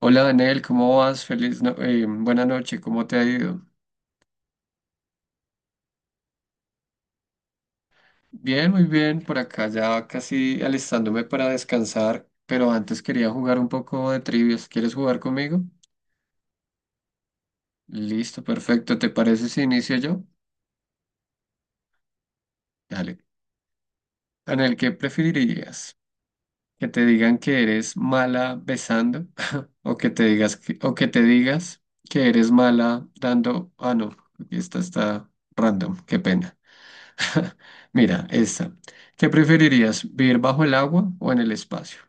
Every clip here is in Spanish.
Hola Daniel, ¿cómo vas? Feliz no- Buena noche, ¿cómo te ha ido? Bien, muy bien, por acá ya casi alistándome para descansar, pero antes quería jugar un poco de trivias. ¿Quieres jugar conmigo? Listo, perfecto. ¿Te parece si inicio yo? Dale. Daniel, ¿qué preferirías? ¿Que te digan que eres mala besando? ¿O que te digas que, o que te digas que eres mala dando... Ah, no, aquí esta está random, qué pena. Mira, esta. ¿Qué preferirías, vivir bajo el agua o en el espacio?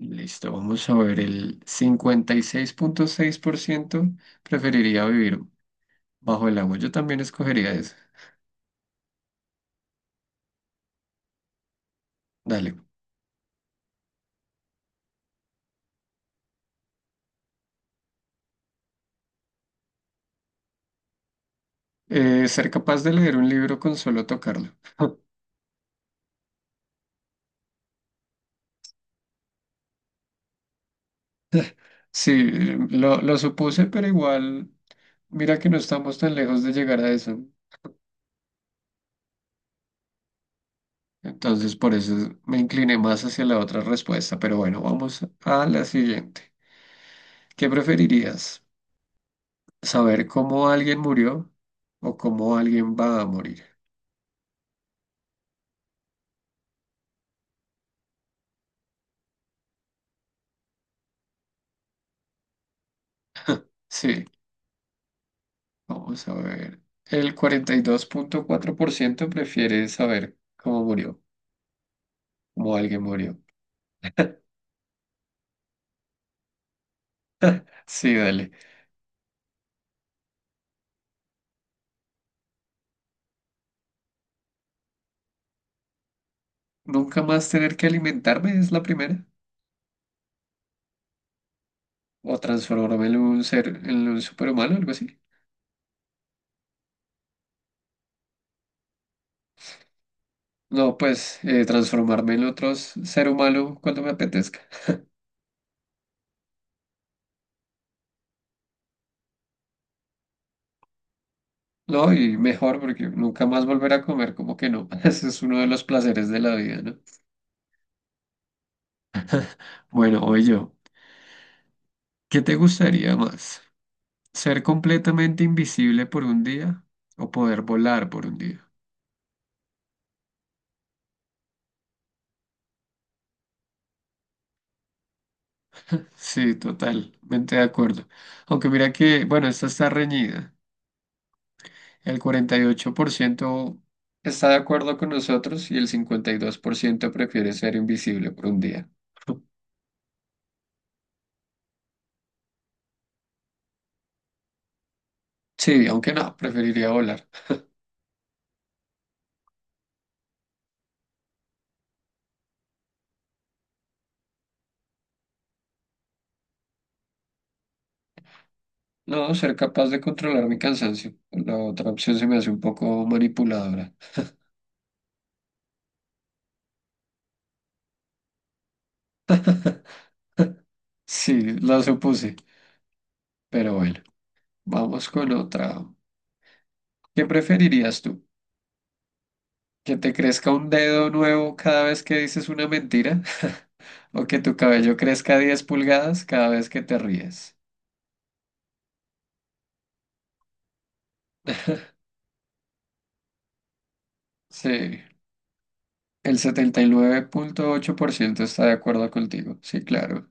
Listo, vamos a ver, el cincuenta y seis punto seis por ciento preferiría vivir bajo el agua. Yo también escogería eso. Dale. Ser capaz de leer un libro con solo tocarlo. Sí, lo supuse, pero igual, mira que no estamos tan lejos de llegar a eso. Entonces, por eso me incliné más hacia la otra respuesta. Pero bueno, vamos a la siguiente. ¿Qué preferirías? Saber cómo alguien murió o cómo alguien va a morir. Sí, vamos a ver. El 42,4% prefiere saber cómo alguien murió. Sí, dale. Nunca más tener que alimentarme es la primera. O transformarme en un superhumano, algo así. No, pues transformarme en otro ser humano cuando me apetezca. No, y mejor porque nunca más volver a comer, como que no. Ese es uno de los placeres de la vida, ¿no? Bueno, hoy yo. ¿Qué te gustaría más? ¿Ser completamente invisible por un día o poder volar por un día? Sí, totalmente de acuerdo. Aunque mira que, bueno, esta está reñida. El 48% está de acuerdo con nosotros y el 52% prefiere ser invisible por un día. Sí, aunque no, preferiría volar. No, ser capaz de controlar mi cansancio. La otra opción se me hace un poco manipuladora. Sí, la supuse, pero bueno, vamos con otra. ¿Qué preferirías tú? ¿Que te crezca un dedo nuevo cada vez que dices una mentira? ¿O que tu cabello crezca 10 pulgadas cada vez que te ríes? Sí, el 79,8% está de acuerdo contigo. Sí, claro.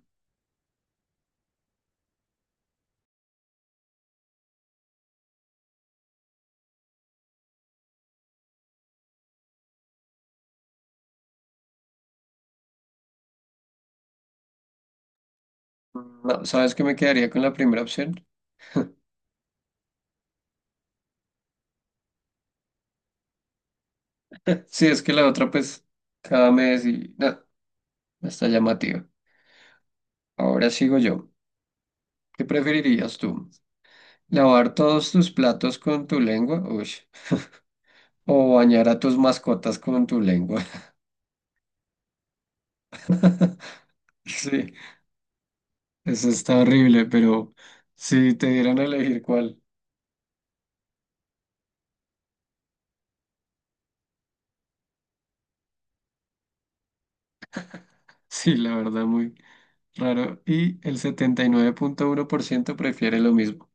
No, ¿sabes que me quedaría con la primera opción? Sí, es que la otra, pues, cada mes y... No, está llamativa. Ahora sigo yo. ¿Qué preferirías tú? ¿Lavar todos tus platos con tu lengua? Uy. ¿O bañar a tus mascotas con tu lengua? Sí. Eso está horrible, pero si te dieran a elegir cuál, sí, la verdad, muy raro. Y el 79,1% prefiere lo mismo.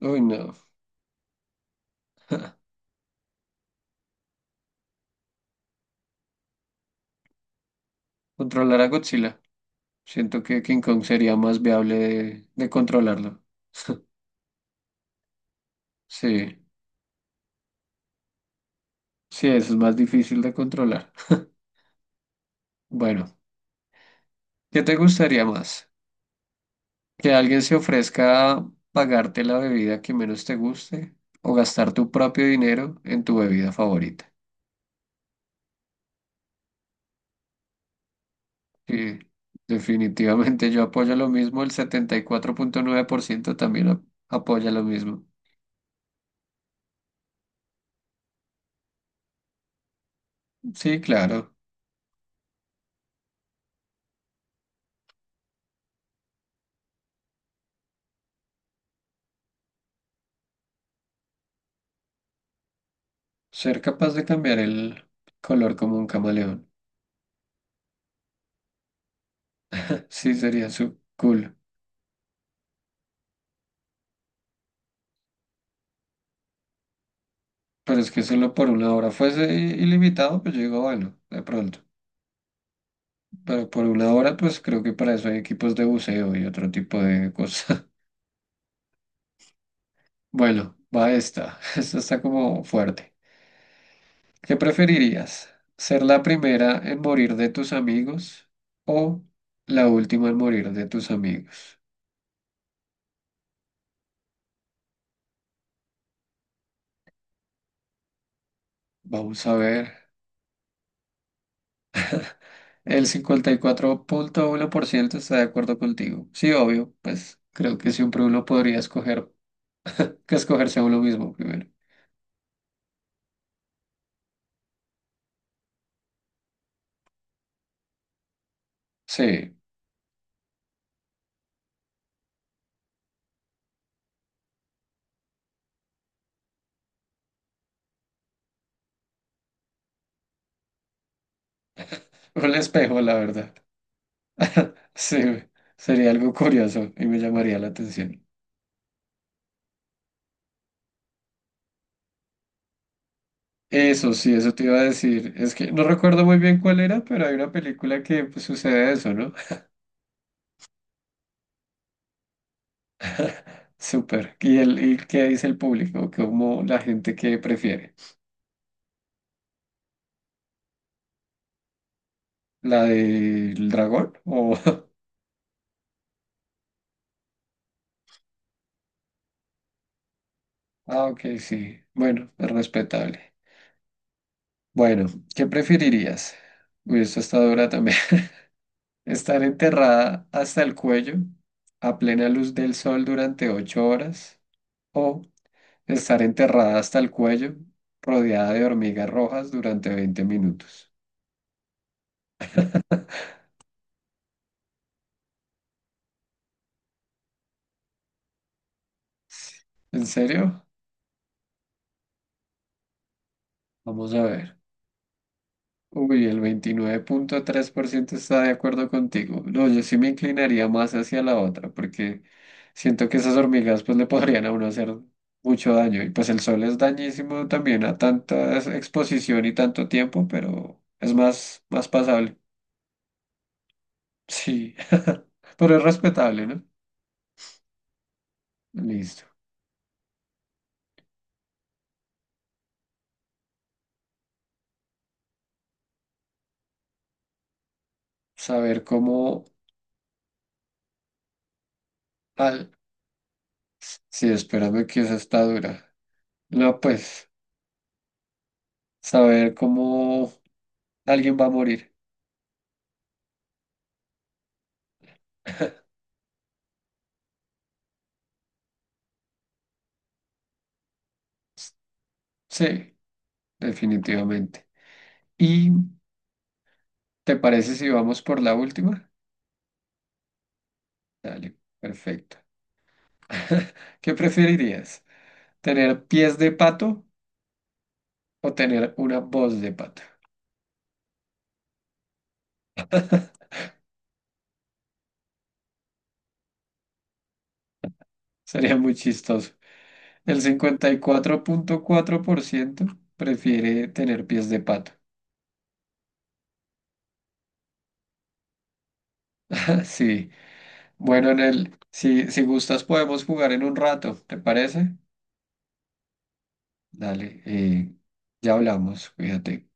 Uy, no. Controlar a Godzilla. Siento que King Kong sería más viable de controlarlo. Sí, sí, eso es más difícil de controlar. Bueno, ¿qué te gustaría más? ¿Que alguien se ofrezca a pagarte la bebida que menos te guste o gastar tu propio dinero en tu bebida favorita? Sí, definitivamente yo apoyo lo mismo, el 74,9% también apoya lo mismo. Sí, claro, ser capaz de cambiar el color como un camaleón. Sí, sería su cool. Pero es que solo por una hora fuese ilimitado, pues yo digo, bueno, de pronto. Pero por una hora, pues creo que para eso hay equipos de buceo y otro tipo de cosas. Bueno, va esta. Esta está como fuerte. ¿Qué preferirías? ¿Ser la primera en morir de tus amigos o la última en morir de tus amigos? Vamos a ver. El 54,1% está de acuerdo contigo. Sí, obvio, pues creo que siempre uno podría escoger que escogerse a uno mismo primero. Sí, un espejo, la verdad. Sí, sería algo curioso y me llamaría la atención. Eso sí, eso te iba a decir. Es que no recuerdo muy bien cuál era, pero hay una película que pues, sucede eso, ¿no? Súper. ¿Y, el, y qué dice el público? ¿Cómo la gente que prefiere? ¿La del dragón? O... Ah, ok, sí. Bueno, es respetable. Bueno, ¿qué preferirías? Uy, esto está dura también. ¿Estar enterrada hasta el cuello a plena luz del sol durante 8 horas? ¿O estar enterrada hasta el cuello rodeada de hormigas rojas durante 20 minutos? ¿En serio? Vamos a ver. Uy, el 29,3% está de acuerdo contigo. No, yo sí me inclinaría más hacia la otra, porque siento que esas hormigas pues le podrían a uno hacer mucho daño. Y pues el sol es dañísimo también a tanta exposición y tanto tiempo, pero es más pasable. Sí, pero es respetable, ¿no? Listo. Saber cómo... Al... Sí, espérame que esa está dura. No, pues, saber cómo alguien va a morir. Sí, definitivamente. ¿Y te parece si vamos por la última? Dale, perfecto. ¿Qué preferirías? ¿Tener pies de pato o tener una voz de pato? Sería muy chistoso. El cincuenta y cuatro punto cuatro por ciento prefiere tener pies de pato. Sí, bueno, en el, si gustas podemos jugar en un rato, ¿te parece? Dale, ya hablamos, cuídate.